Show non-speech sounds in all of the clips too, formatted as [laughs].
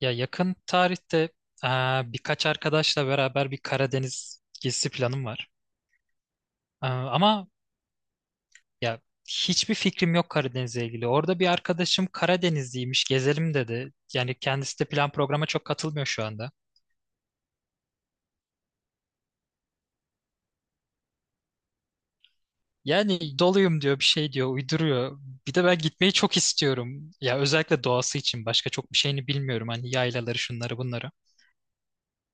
Ya yakın tarihte birkaç arkadaşla beraber bir Karadeniz gezisi planım var. Ama ya hiçbir fikrim yok Karadeniz'le ilgili. Orada bir arkadaşım Karadenizliymiş, gezelim dedi. Yani kendisi de plan programa çok katılmıyor şu anda. Yani doluyum diyor, bir şey diyor, uyduruyor. Bir de ben gitmeyi çok istiyorum. Ya özellikle doğası için başka çok bir şeyini bilmiyorum. Hani yaylaları, şunları, bunları.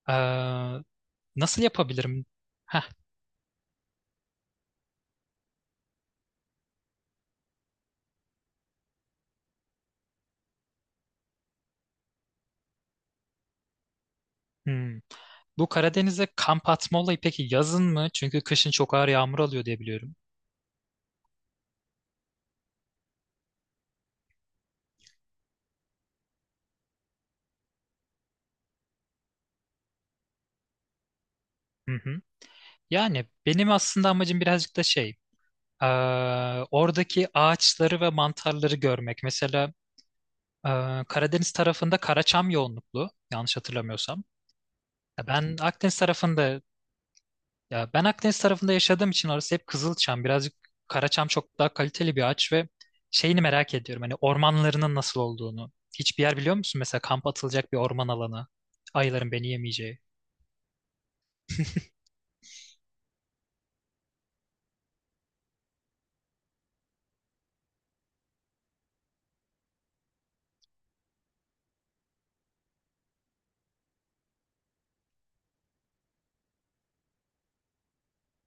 Eee, Nasıl yapabilirim? Heh, hmm. Bu Karadeniz'e kamp atma olayı peki yazın mı? Çünkü kışın çok ağır yağmur alıyor diye biliyorum. Hı hı. Yani benim aslında amacım birazcık da şey, oradaki ağaçları ve mantarları görmek. Mesela Karadeniz tarafında karaçam yoğunluklu, yanlış hatırlamıyorsam. Ya Ben Akdeniz tarafında Ya ben Akdeniz tarafında yaşadığım için orası hep Kızılçam. Birazcık Karaçam çok daha kaliteli bir ağaç ve şeyini merak ediyorum. Hani ormanlarının nasıl olduğunu. Hiçbir yer biliyor musun? Mesela kamp atılacak bir orman alanı. Ayıların beni yemeyeceği. [laughs]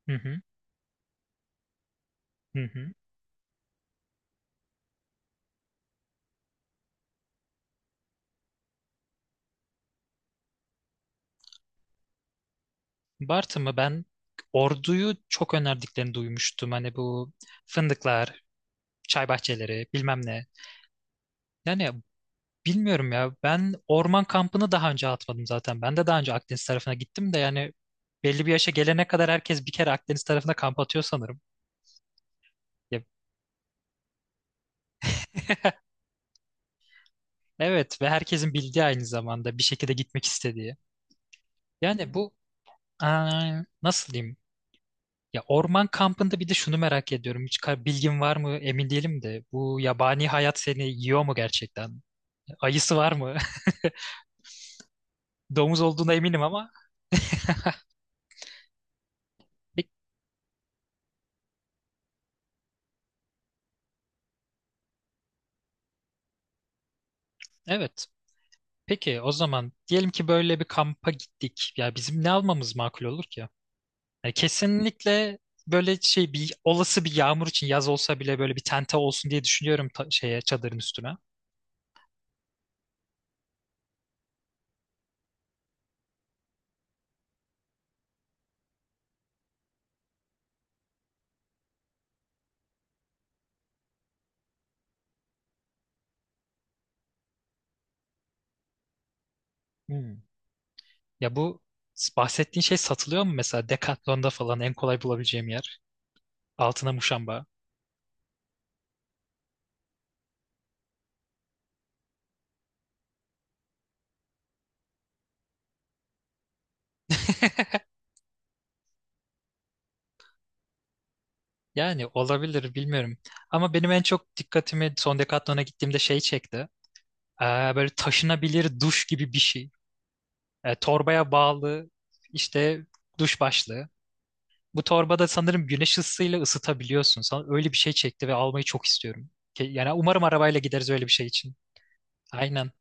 Hı hı, hı hı. Bartın mı? Ben Ordu'yu çok önerdiklerini duymuştum. Hani bu fındıklar, çay bahçeleri, bilmem ne. Yani Bilmiyorum ya. Ben orman kampını daha önce atmadım zaten. Ben de daha önce Akdeniz tarafına gittim de yani belli bir yaşa gelene kadar herkes bir kere Akdeniz tarafına kamp atıyor sanırım. Ya, [laughs] evet ve herkesin bildiği aynı zamanda bir şekilde gitmek istediği. Yani bu aa, nasıl diyeyim? Ya orman kampında bir de şunu merak ediyorum. Bilgin var mı emin değilim de. Bu yabani hayat seni yiyor mu gerçekten? Ayısı var mı? [laughs] Domuz olduğuna eminim ama. Pek- Evet. Peki o zaman diyelim ki böyle bir kampa gittik. Ya bizim ne almamız makul olur ki? Ya kesinlikle böyle şey bir olası bir yağmur için yaz olsa bile böyle bir tente olsun diye düşünüyorum şeye çadırın üstüne. Hmm. Ya bu bahsettiğin şey satılıyor mu mesela Decathlon'da falan en kolay bulabileceğim yer? Altına muşamba. Yani olabilir bilmiyorum. Ama benim en çok dikkatimi son Decathlon'a gittiğimde şey çekti. Ee, Böyle taşınabilir duş gibi bir şey. Torbaya bağlı işte duş başlığı. Bu torbada sanırım güneş ısısıyla ısıtabiliyorsun. Sana öyle bir şey çekti ve almayı çok istiyorum. Yani umarım arabayla gideriz öyle bir şey için. Aynen.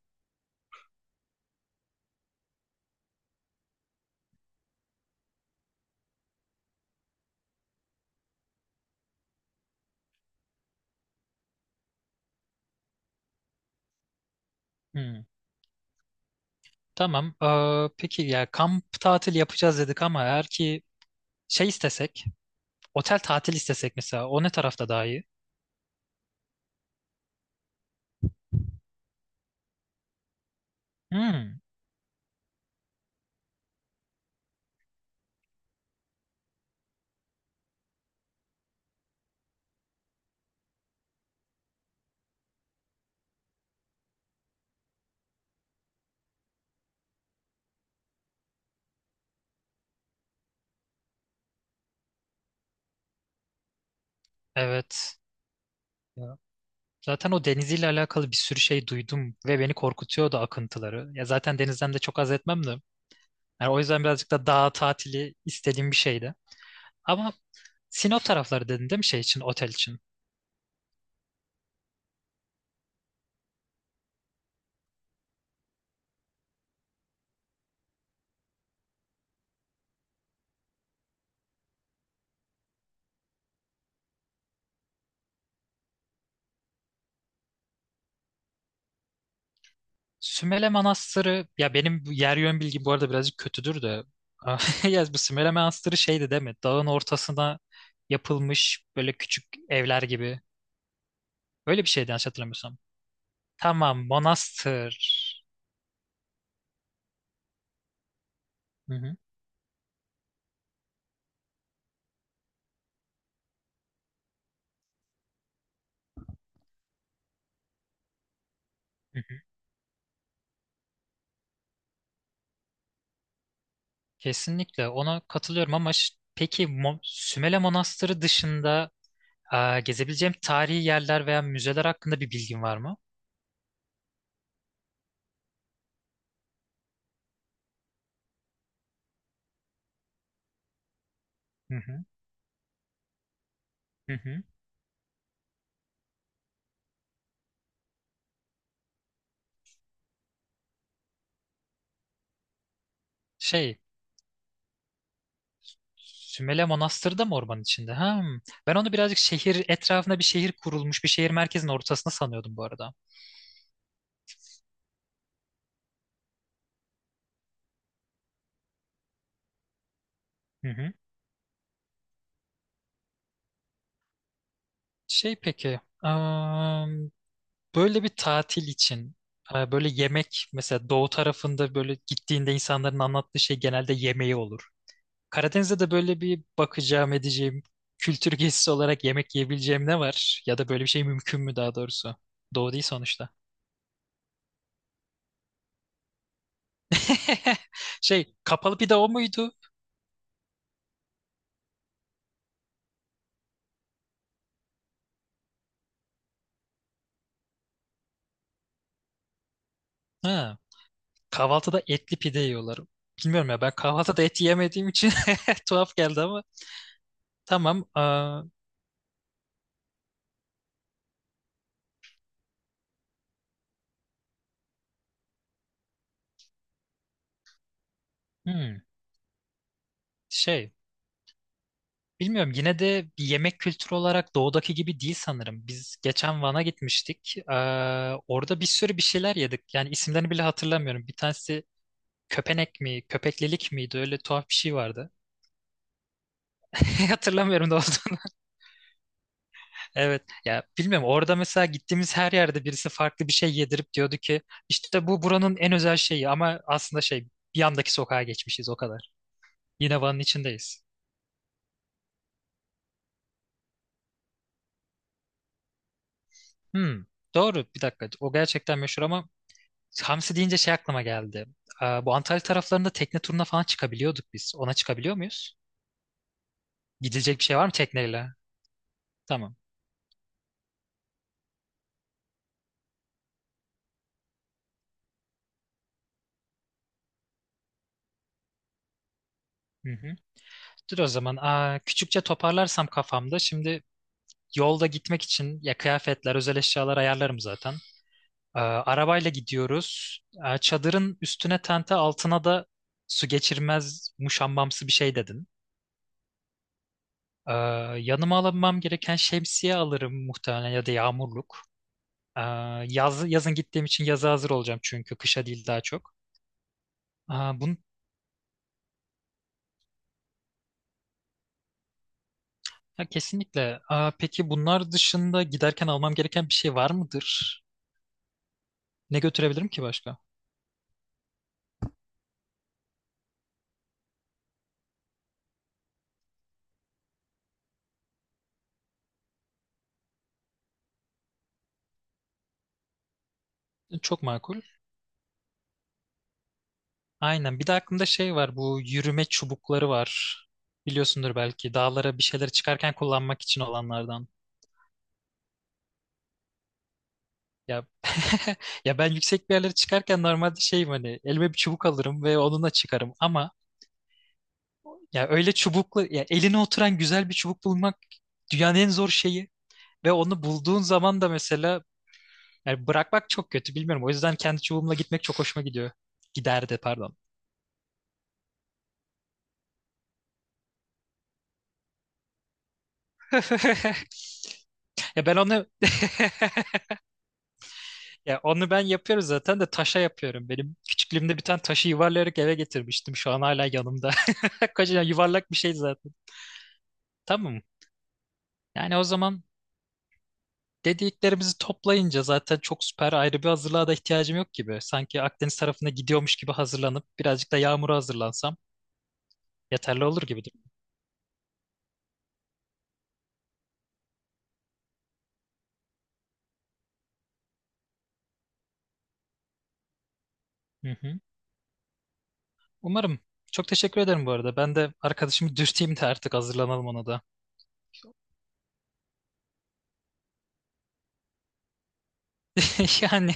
Hmm. Tamam. Peki ya kamp tatil yapacağız dedik ama eğer ki şey istesek, otel tatil istesek mesela o ne tarafta daha iyi? Hmm, evet. Zaten o deniziyle alakalı bir sürü şey duydum ve beni korkutuyordu akıntıları. Ya zaten denizden de çok haz etmem de. Yani o yüzden birazcık da dağ tatili istediğim bir şeydi. Ama Sinop tarafları dedin değil mi şey için, otel için? Sümele Manastırı, ya benim bu yer yön bilgim bu arada birazcık kötüdür de. [laughs] Ya bu Sümele Manastırı şeydi değil mi? Dağın ortasına yapılmış böyle küçük evler gibi. Öyle bir şeydi yanlış hatırlamıyorsam. Tamam, manastır. Hı hı. Kesinlikle ona katılıyorum ama peki Sümele Manastırı dışında gezebileceğim tarihi yerler veya müzeler hakkında bir bilgin var mı? Hı hı, hı hı. Şey, Sümele Manastırı da mı ormanın içinde? Ha, hmm. Ben onu birazcık şehir etrafında bir şehir kurulmuş, bir şehir merkezinin ortasında sanıyordum bu arada. Hı hı. Peki, böyle bir tatil için böyle yemek mesela doğu tarafında böyle gittiğinde insanların anlattığı şey genelde yemeği olur. Karadeniz'de de böyle bir bakacağım edeceğim kültür gezisi olarak yemek yiyebileceğim ne var? Ya da böyle bir şey mümkün mü daha doğrusu? Doğu değil sonuçta. [laughs] Şey kapalı pide o muydu? Ha, kahvaltıda etli pide yiyorlar. Bilmiyorum ya ben kahvaltıda et yemediğim için [laughs] tuhaf geldi ama tamam. Aa, hmm, şey bilmiyorum yine de bir yemek kültürü olarak doğudaki gibi değil sanırım. Biz geçen Van'a gitmiştik. Aa, orada bir sürü bir şeyler yedik. Yani isimlerini bile hatırlamıyorum. Bir tanesi köpenek mi, köpeklilik miydi? Öyle tuhaf bir şey vardı. [laughs] Hatırlamıyorum da olduğunu. [laughs] Evet. Ya bilmiyorum orada mesela gittiğimiz her yerde birisi farklı bir şey yedirip diyordu ki işte bu buranın en özel şeyi ama aslında şey bir yandaki sokağa geçmişiz o kadar. Yine Van'ın içindeyiz. Hmm, doğru bir dakika. O gerçekten meşhur ama hamsi deyince şey aklıma geldi. Aa, bu Antalya taraflarında tekne turuna falan çıkabiliyorduk biz. Ona çıkabiliyor muyuz? Gidilecek bir şey var mı tekneyle? Tamam. Hı hı. Dur o zaman. Aa, küçükçe toparlarsam kafamda. Şimdi yolda gitmek için ya kıyafetler, özel eşyalar ayarlarım zaten. Arabayla gidiyoruz. Çadırın üstüne tente altına da su geçirmez muşambamsı bir şey dedin. Ee, Yanıma almam gereken şemsiye alırım muhtemelen ya da yağmurluk. Ee, Yazın gittiğim için yaza hazır olacağım çünkü kışa değil daha çok. Aa, bun, Ya kesinlikle. Aa, peki bunlar dışında giderken almam gereken bir şey var mıdır? Ne götürebilirim ki başka? Çok makul. Aynen. Bir de aklımda şey var. Bu yürüme çubukları var. Biliyorsundur belki. Dağlara bir şeyler çıkarken kullanmak için olanlardan. Ya [laughs] ya ben yüksek bir yerlere çıkarken normalde şeyim hani elime bir çubuk alırım ve onunla çıkarım ama ya öyle çubuklu ya eline oturan güzel bir çubuk bulmak dünyanın en zor şeyi ve onu bulduğun zaman da mesela yani bırakmak çok kötü bilmiyorum. O yüzden kendi çubuğumla gitmek çok hoşuma gidiyor. Giderdi pardon. [laughs] Ya ben onu [laughs] Ya onu ben yapıyorum zaten de taşa yapıyorum. Benim küçüklüğümde bir tane taşı yuvarlayarak eve getirmiştim. Şu an hala yanımda. [laughs] Kocaman yuvarlak bir şey zaten. Tamam. Yani o zaman dediklerimizi toplayınca zaten çok süper ayrı bir hazırlığa da ihtiyacım yok gibi. Sanki Akdeniz tarafına gidiyormuş gibi hazırlanıp birazcık da yağmura hazırlansam yeterli olur gibidir. Hı hı. Umarım. Çok teşekkür ederim bu arada. Ben de arkadaşımı dürteyim de artık hazırlanalım ona da. [laughs] Yani